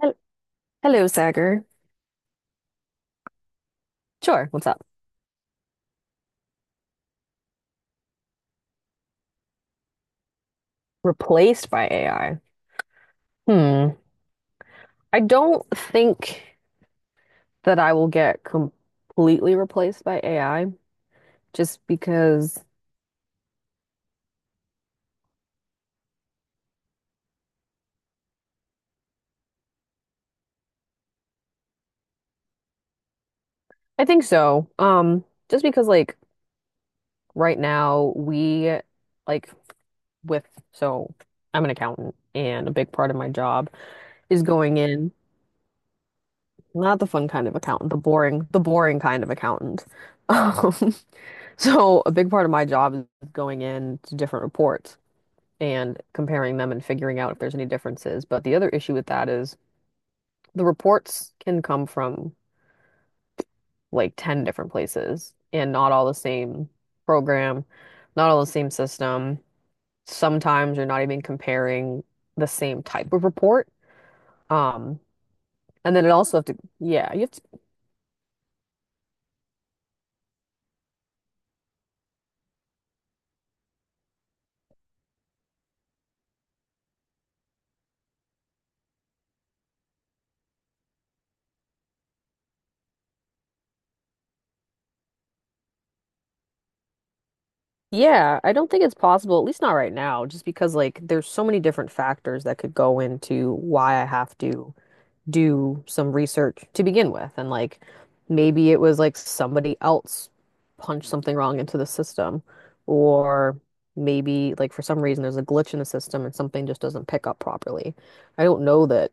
Hel- Hello, Sagar. Sure, what's up? Replaced by AI. Hmm. I don't think that I will get completely replaced by AI just because I think so. Just because like right now we like with so I'm an accountant, and a big part of my job is going in not the fun kind of accountant, the boring kind of accountant. Um, so a big part of my job is going in to different reports, and comparing them and figuring out if there's any differences. But the other issue with that is the reports can come from like 10 different places and not all the same program, not all the same system. Sometimes you're not even comparing the same type of report. Um, and then it also have to, yeah, you have to, yeah, I don't think it's possible, at least not right now, just because like there's so many different factors that could go into why I have to do some research to begin with. And like maybe it was like somebody else punched something wrong into the system, or maybe like for some reason there's a glitch in the system and something just doesn't pick up properly. I don't know that,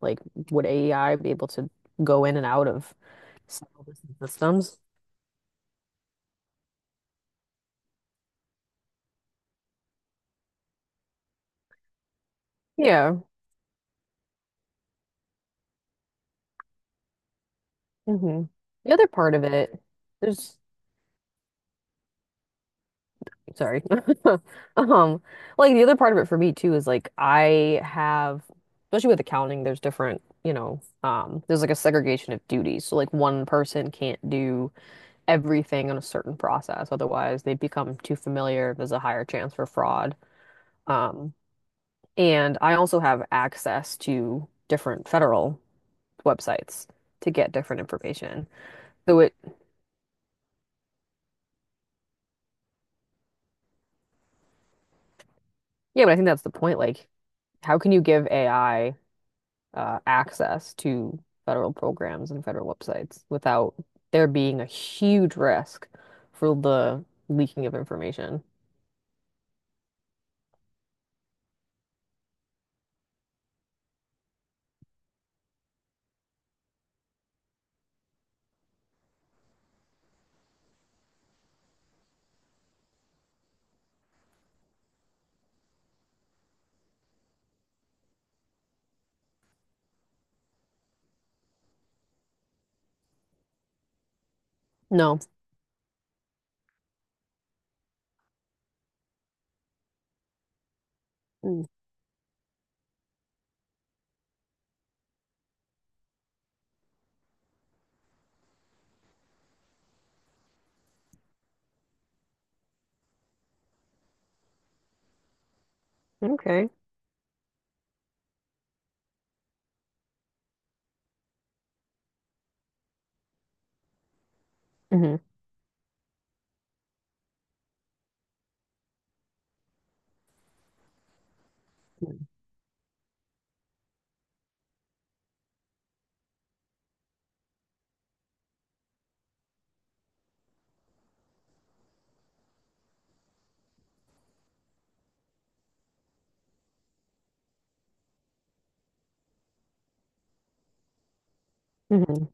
like, would AI be able to go in and out of several different systems? Yeah. Hmm. The other part of it, there's Sorry. Um, like the other part of it for me too is like I have, especially with accounting, there's different, you know, there's like a segregation of duties. So like one person can't do everything on a certain process, otherwise they become too familiar. There's a higher chance for fraud. Um, and I also have access to different federal websites to get different information. So it, yeah, but I think that's the point. Like, how can you give AI access to federal programs and federal websites without there being a huge risk for the leaking of information. No. Mm. Okay. Hmm. Hmm.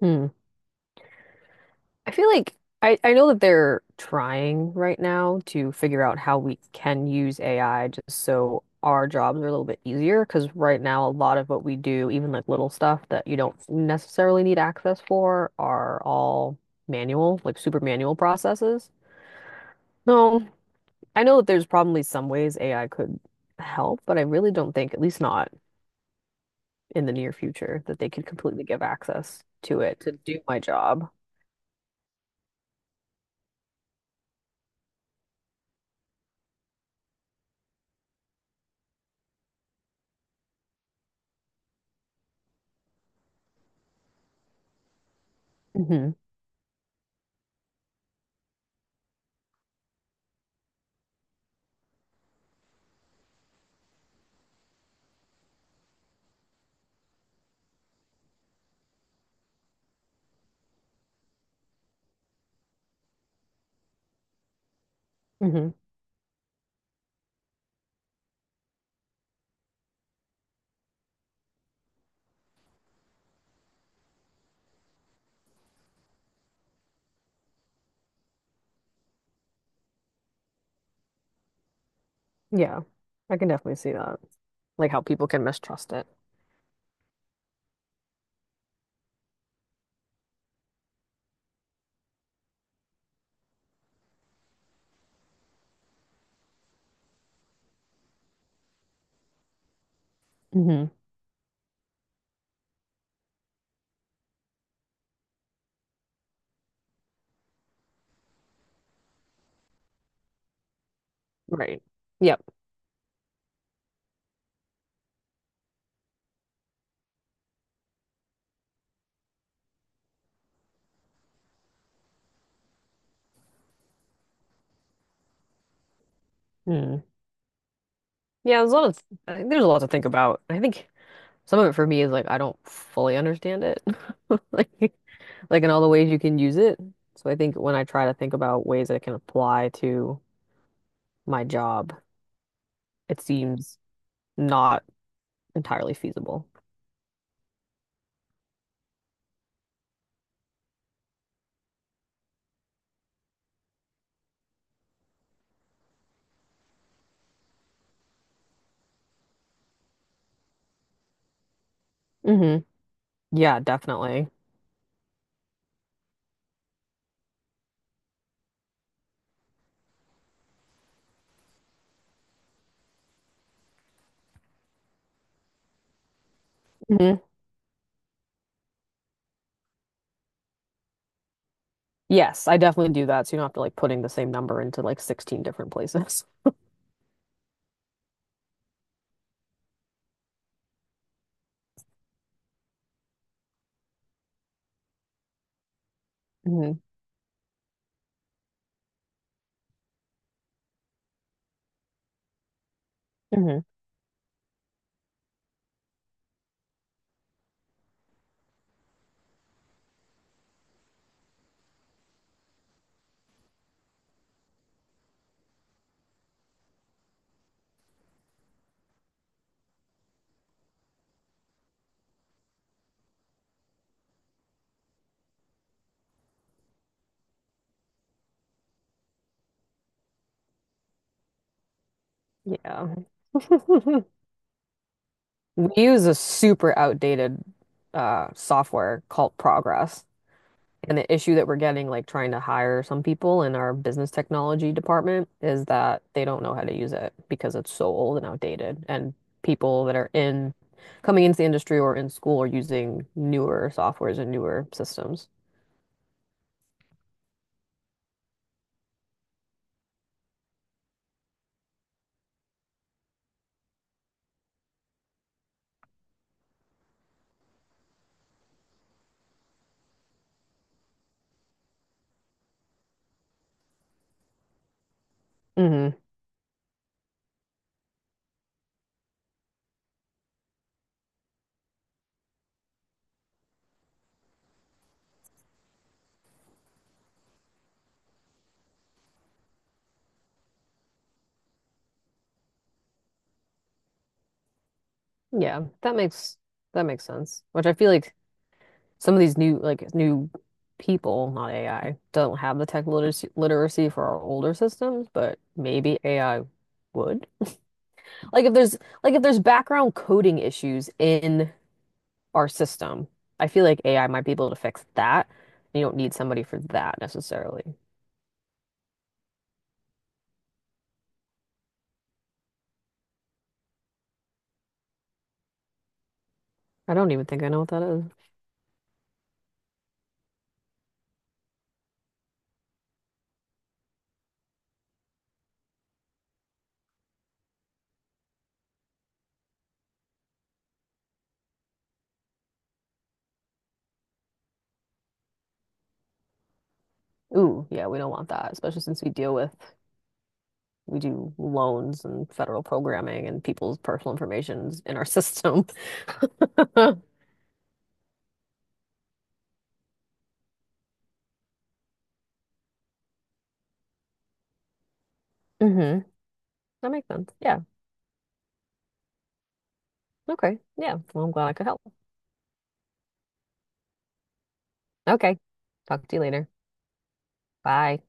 Hmm. I feel like I know that they're trying right now to figure out how we can use AI just so our jobs are a little bit easier. Because right now, a lot of what we do, even like little stuff that you don't necessarily need access for, are all manual, like super manual processes. No, I know that there's probably some ways AI could help, but I really don't think, at least not in the near future, that they could completely give access to it to do my job. Hmm. Hmm. Yeah, I can definitely see that. Like how people can mistrust it. Hmm. Right. Yep. Mm. Yeah, there's a lot of I think there's a lot to think about. I think some of it for me is like I don't fully understand it. Like like in all the ways you can use it. So I think when I try to think about ways I can apply to my job, it seems not entirely feasible. Hmm. Yeah, definitely. Hmm. Yes, I definitely do that. So you don't have to like putting the same number into like 16 different places. Hmm. Hmm. Yeah. We use a super outdated software called Progress. And the issue that we're getting, like trying to hire some people in our business technology department, is that they don't know how to use it because it's so old and outdated. And people that are in coming into the industry or in school are using newer softwares and newer systems. Hmm. Yeah, that makes sense. Which I feel like some of these new people, not AI, don't have the tech literacy for our older systems, but maybe AI would. Like if there's like if there's background coding issues in our system, I feel like AI might be able to fix that. You don't need somebody for that necessarily. I don't even think I know what that is. Ooh, yeah, we don't want that, especially since we deal with we do loans and federal programming and people's personal information in our system. Hmm. That makes sense. Yeah. Okay. Yeah. Well, I'm glad I could help. Okay. Talk to you later. Bye.